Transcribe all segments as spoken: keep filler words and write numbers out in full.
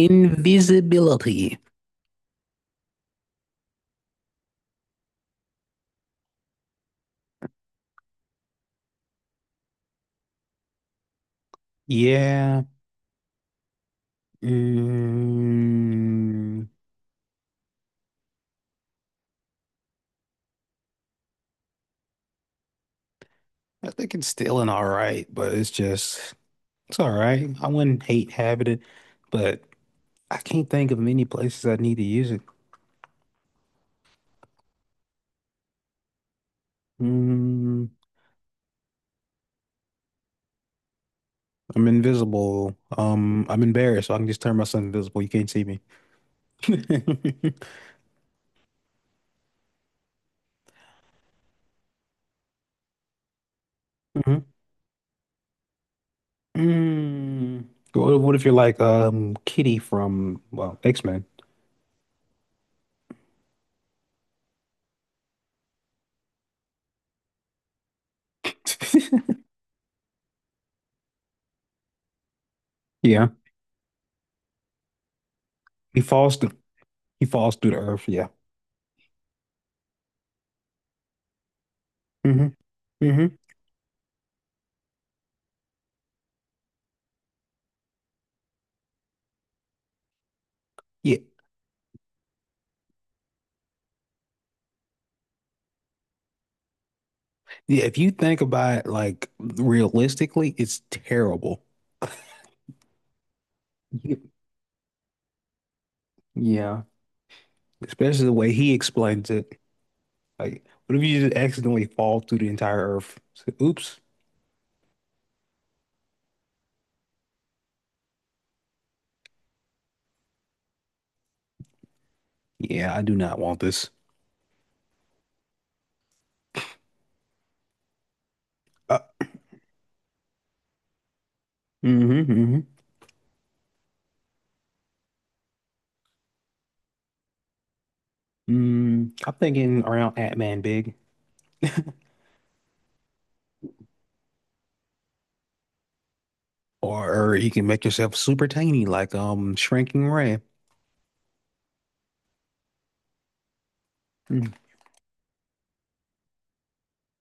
Invisibility. Yeah. Mm, I think it's still an all right, but it's just, it's all right. I wouldn't hate having it, but I can't think of many places I need to use it. Mm, I'm invisible. Um, I'm embarrassed, so I can just turn myself invisible. You can't see me. Mhm. Mm. What, what if you're like um Kitty from, well, X-Men? Yeah. He falls through he falls through the earth. Yeah. hmm hmm Yeah. Yeah. If you think about it, like realistically, it's terrible. Y- Yeah. Especially the way he explains it. Like, what if you just accidentally fall through the entire earth? So, oops. Yeah, I do not want this. Uh, hmm hmm Mm, I'm thinking around Ant-Man big. Or, or you can make yourself super tiny, like um Shrinking Ray.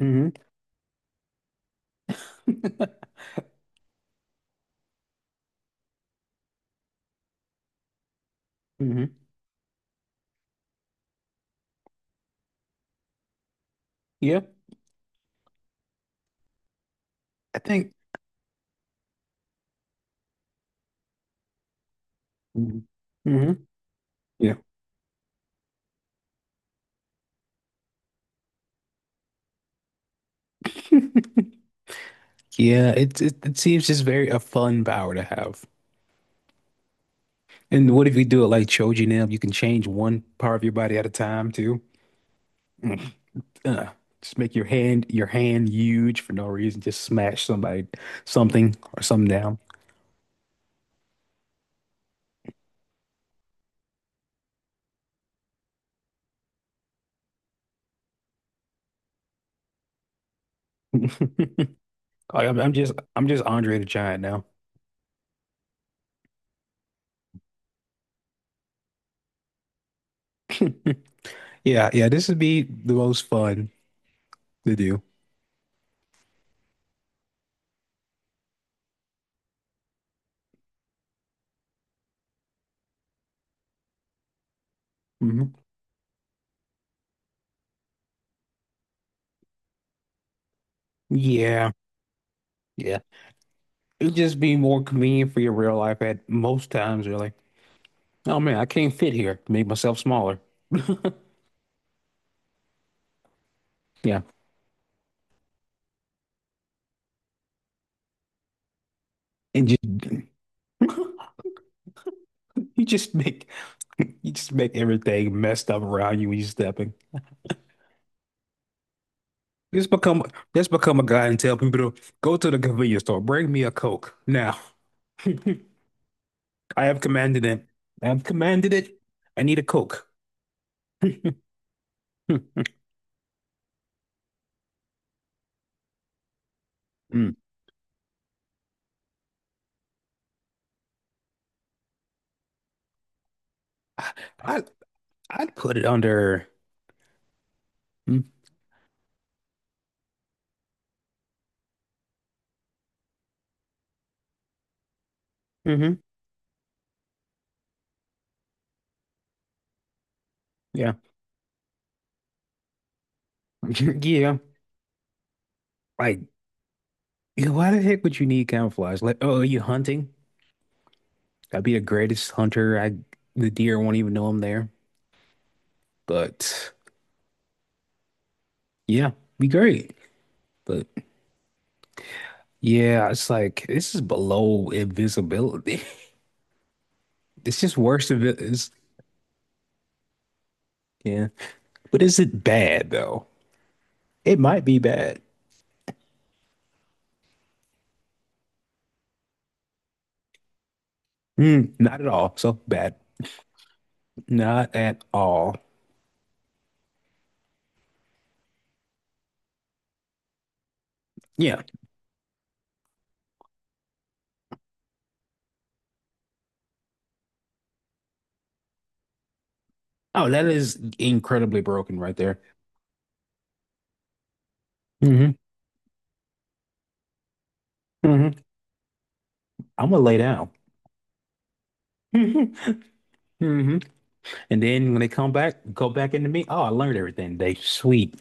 Mm-hmm. hmm Yeah. I think. Hmm hmm Yeah. Yeah, it, it it seems just very a fun power to have. And what if you do it like Choji Chojinim? You can change one part of your body at a time too. Mm. Uh, just make your hand your hand huge for no reason. Just smash somebody, something or something down. Like, I'm, I'm just I'm just Andre the Giant now. Yeah, yeah. This would be the most fun to do. Hmm Yeah, yeah. It'd just be more convenient for your real life at most times, really. Oh man, I can't fit here. Make myself smaller. Yeah. and you you just make you just make everything messed up around you when you are stepping. Just become just become a guy and tell people to go to the convenience store, bring me a Coke. Now I have commanded it. I have commanded it. I need a Coke. Mm. I, I I'd put it under mm, mm-hmm. Yeah. Yeah. Like yeah, why the heck would you need camouflage? Like, oh, are you hunting? I'd be the greatest hunter. I The deer won't even know I'm there. But yeah, be great. But yeah, it's like this is below invisibility. It's just worse if it is. Yeah. But is it bad though? It might be bad. Mm, not at all. So bad. Not at all. Yeah. Oh, that is incredibly broken right there. Hmm hmm I'm gonna lay down. hmm hmm And then when they come back, go back into me. Oh, I learned everything today. Sweet.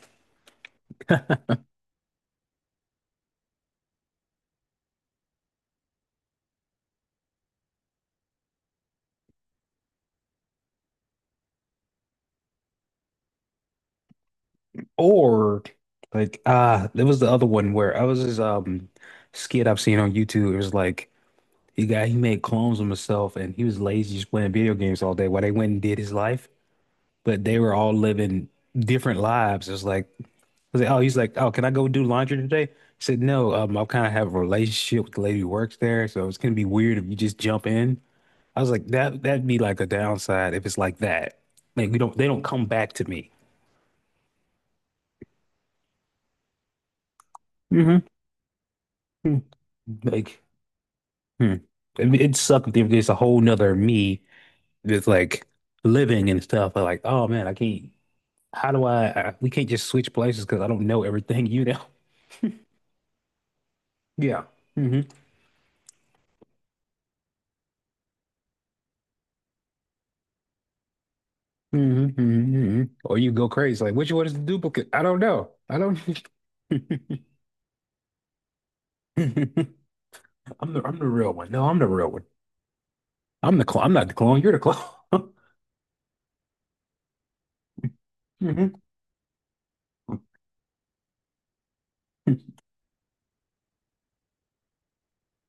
Or like ah, there was the other one where I was this um skit I've seen on YouTube. It was like he got he made clones of himself and he was lazy just playing video games all day while they went and did his life, but they were all living different lives. It's like, I was like, oh, he's like, oh, can I go do laundry today? I said, no, um, I kind of have a relationship with the lady who works there, so it's gonna be weird if you just jump in. I was like, that that'd be like a downside if it's like that. Like we don't they don't come back to me. Hmm Like Hmm. It, it sucked if there's a whole nother me that's like living and stuff. But like, oh man, I can't. How do I, I? We can't just switch places because I don't know everything you know. Yeah. hmm hmm hmm Or you go crazy. Like, which one is the duplicate? I don't know. I don't. I'm the I'm the real one. No, I'm the real one. I'm the clone. I'm not the clone. You're the clone. Mhm.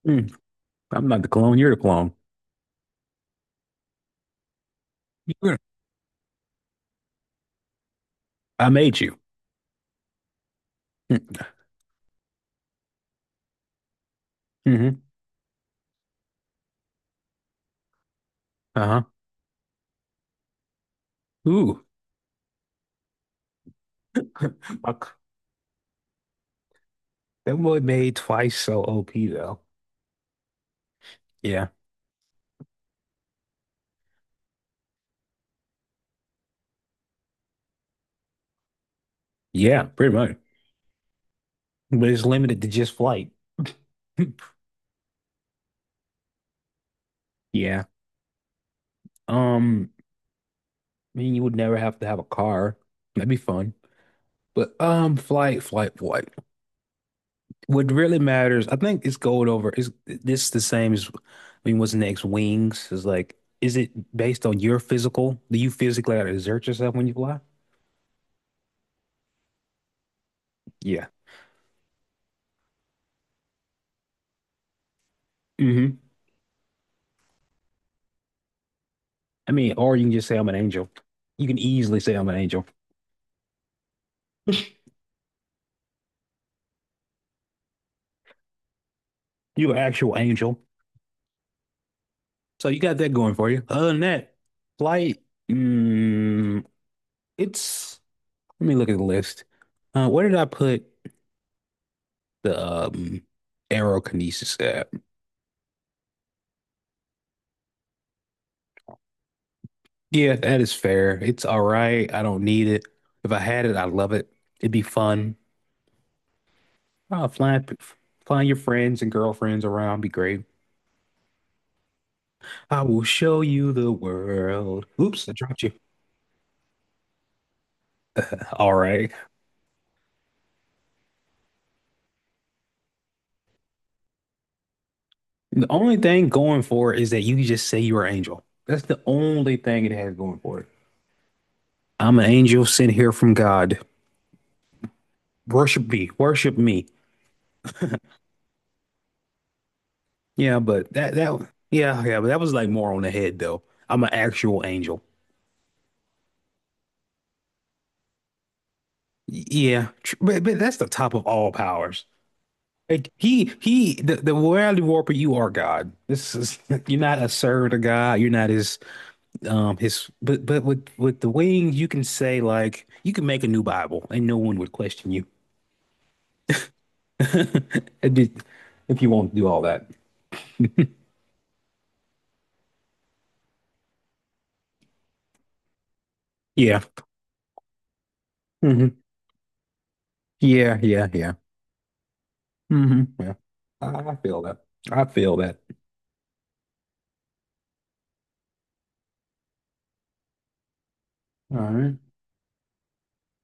Mm. I'm not the clone. You're the clone. You're the- I made you. Mm. Mhm. Uh-huh. Ooh. My, that boy made twice so O P though. Yeah. Yeah, pretty much. But it's limited to just flight. Yeah. Um, I mean you would never have to have a car. That'd be fun. But um flight, flight, flight. What really matters, I think it's going over is this the same as I mean what's next? Wings is like is it based on your physical? Do you physically gotta exert yourself when you fly? Yeah. hmm I mean, or you can just say I'm an angel. You can easily say I'm an angel. You're an actual angel. So you got that going for you. Other than that, flight, mm, it's let me look at the list. Uh, where did I put the um, aerokinesis at? Yeah, that is fair. It's all right. I don't need it. If I had it, I'd love it. It'd be fun. Uh, flying, flying your friends and girlfriends around be great. I will show you the world. Oops, I dropped you. All right. The only thing going for it is that you can just say you're an angel. That's the only thing it has going for it. I'm an angel sent here from God. Worship me, worship me. Yeah, but that that yeah, yeah, but that was like more on the head though. I'm an actual angel. Y- Yeah, tr- but, but that's the top of all powers. Like he he the, the reality warper, you are God. This is you're not a servant of God. You're not his um his but but with with the wings you can say like you can make a new Bible and no one would question you. It'd be- If you won't do all that. Yeah. hmm Yeah, yeah, yeah. hmm Yeah. I I feel that. I feel that. All right.